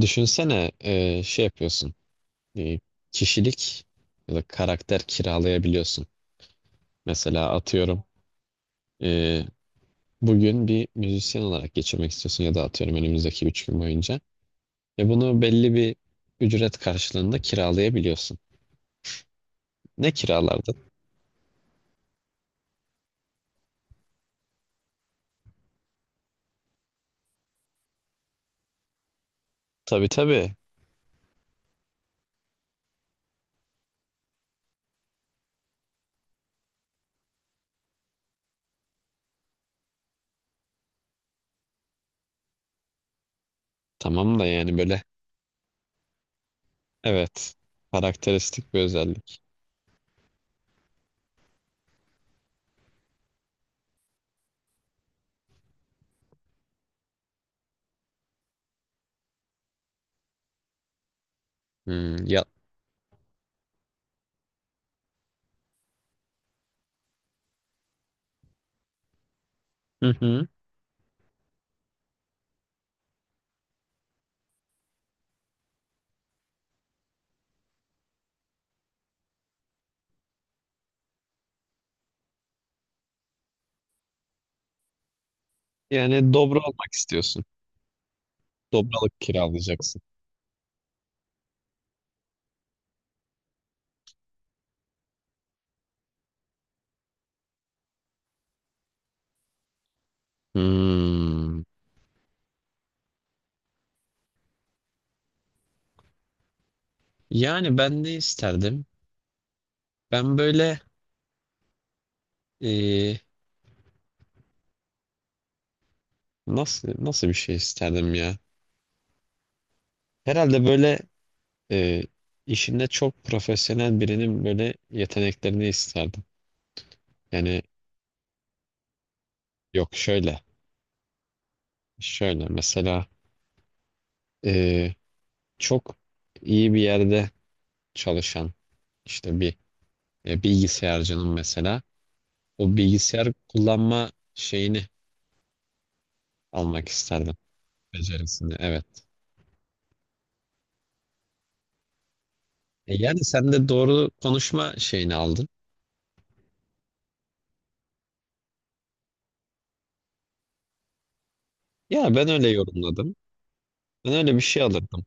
Düşünsene şey yapıyorsun. e, Kişilik ya da karakter kiralayabiliyorsun. Mesela atıyorum e, bugün bir müzisyen olarak geçirmek istiyorsun ya da atıyorum önümüzdeki 3 gün boyunca. Ve bunu belli bir ücret karşılığında kiralayabiliyorsun. Ne kiralardın? Tabii tabii. Tamam da yani böyle evet. Karakteristik bir özellik. Hmm, ya. Hı hı. Yani dobra olmak istiyorsun. Dobralık kiralayacaksın. Hmm. Yani ben ne isterdim? Ben böyle eee, nasıl bir şey isterdim ya? Herhalde böyle eee, işinde çok profesyonel birinin böyle yeteneklerini isterdim. Yani yok, şöyle mesela eee, çok iyi bir yerde çalışan işte bir bilgisayarcının mesela o bilgisayar kullanma şeyini almak isterdim, becerisini evet. Yani sen de doğru konuşma şeyini aldın. Ya ben öyle yorumladım. Ben öyle bir şey alırdım.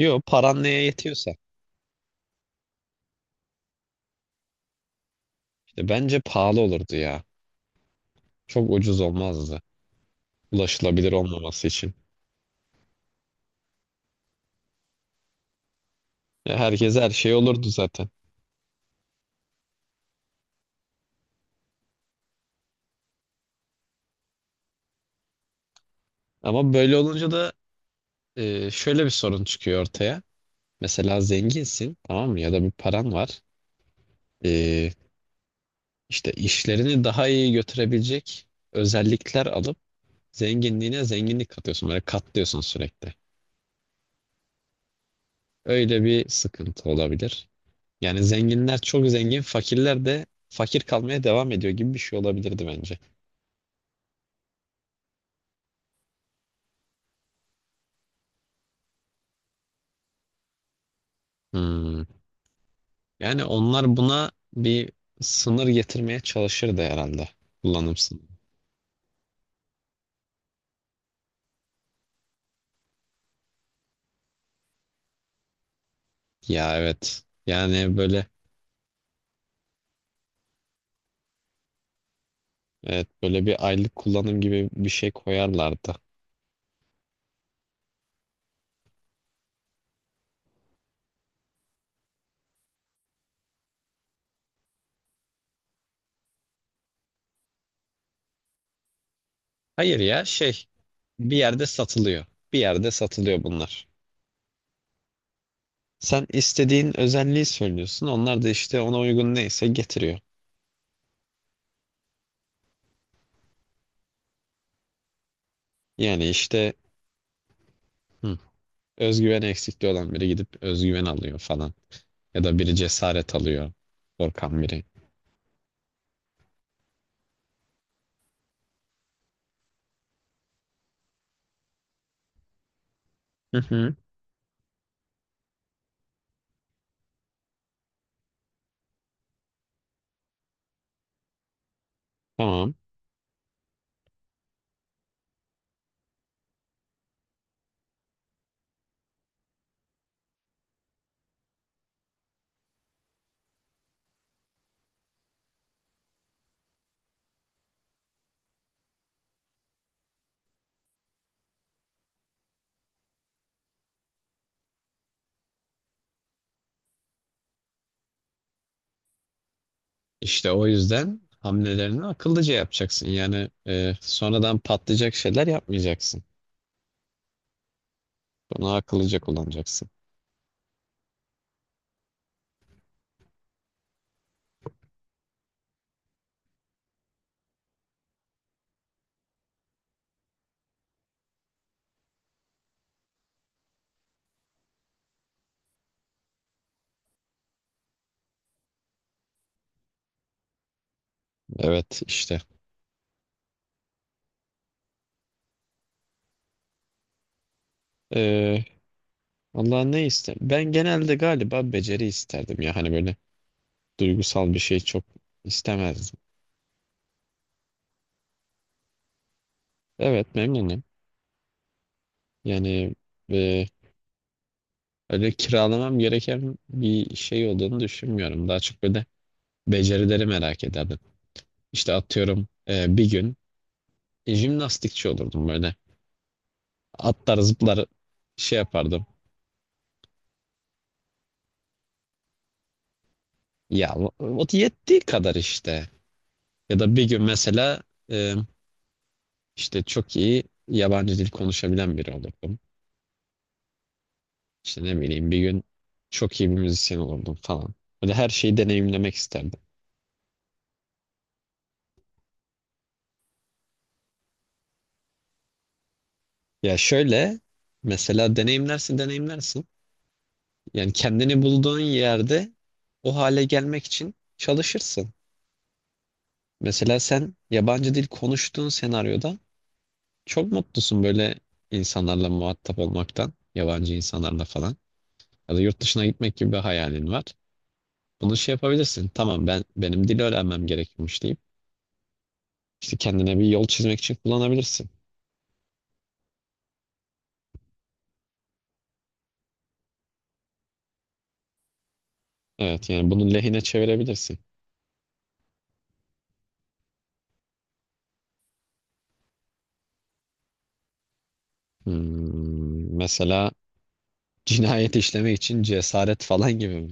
Yo, paran neye yetiyorsa. İşte bence pahalı olurdu ya. Çok ucuz olmazdı. Ulaşılabilir olmaması için. Ya, herkese her şey olurdu zaten. Ama böyle olunca da şöyle bir sorun çıkıyor ortaya. Mesela zenginsin, tamam mı? Ya da bir paran var. E, işte işlerini daha iyi götürebilecek özellikler alıp zenginliğine zenginlik katıyorsun. Böyle katlıyorsun sürekli. Öyle bir sıkıntı olabilir. Yani zenginler çok zengin, fakirler de fakir kalmaya devam ediyor gibi bir şey olabilirdi bence. Hmm. Yani onlar buna bir sınır getirmeye çalışırdı herhalde. Kullanım sınırı. Ya evet. Yani böyle, evet, böyle bir aylık kullanım gibi bir şey koyarlardı. Hayır, ya şey, bir yerde satılıyor. Bir yerde satılıyor bunlar. Sen istediğin özelliği söylüyorsun. Onlar da işte ona uygun neyse getiriyor. Yani işte hı, özgüven eksikliği olan biri gidip özgüven alıyor falan. Ya da biri cesaret alıyor. Korkan biri. Hı hı. Tamam. İşte o yüzden hamlelerini akıllıca yapacaksın. Yani sonradan patlayacak şeyler yapmayacaksın. Bunu akıllıca kullanacaksın. Evet işte. E, Allah ne ister? Ben genelde galiba beceri isterdim ya. Hani böyle duygusal bir şey çok istemezdim. Evet memnunum. Yani e, öyle kiralamam gereken bir şey olduğunu düşünmüyorum. Daha çok böyle becerileri merak ederdim. İşte atıyorum bir gün jimnastikçi olurdum böyle. Atlar, zıplar, şey yapardım. Ya o yettiği kadar işte. Ya da bir gün mesela e, işte çok iyi yabancı dil konuşabilen biri olurdum. İşte ne bileyim, bir gün çok iyi bir müzisyen olurdum falan. Böyle her şeyi deneyimlemek isterdim. Ya şöyle, mesela deneyimlersin deneyimlersin. Yani kendini bulduğun yerde o hale gelmek için çalışırsın. Mesela sen yabancı dil konuştuğun senaryoda çok mutlusun, böyle insanlarla muhatap olmaktan, yabancı insanlarla falan. Ya da yurt dışına gitmek gibi bir hayalin var. Bunu şey yapabilirsin. Tamam, ben benim dil öğrenmem gerekiyormuş deyip işte kendine bir yol çizmek için kullanabilirsin. Evet yani bunu lehine çevirebilirsin. Hmm, mesela cinayet işlemek için cesaret falan gibi mi?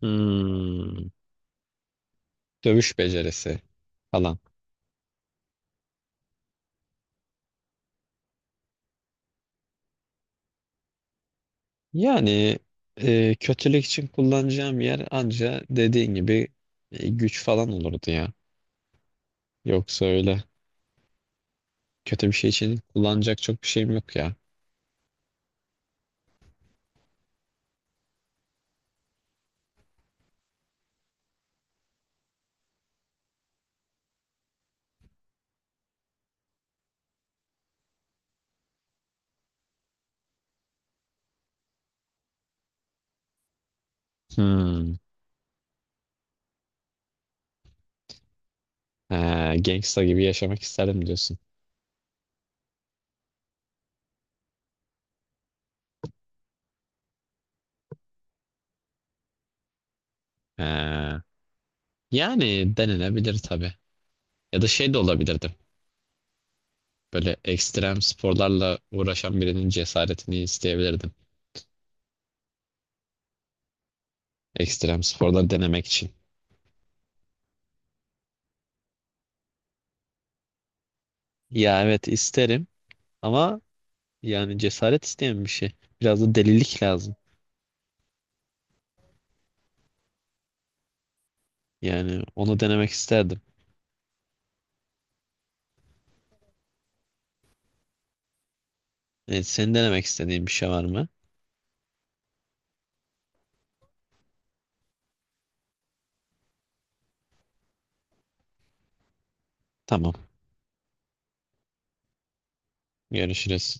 Hmm, dövüş becerisi falan. Yani kötülük için kullanacağım yer anca dediğin gibi güç falan olurdu ya. Yoksa öyle kötü bir şey için kullanacak çok bir şeyim yok ya. Hmm. Ha, gangsta gibi yaşamak isterim diyorsun. Ha. Yani denenebilir tabii. Ya da şey de olabilirdim. Böyle ekstrem sporlarla uğraşan birinin cesaretini isteyebilirdim. Ekstrem sporlar denemek için. Ya evet isterim ama yani cesaret isteyen bir şey. Biraz da delilik lazım. Yani onu denemek isterdim. Evet, senin denemek istediğin bir şey var mı? Tamam. Görüşürüz.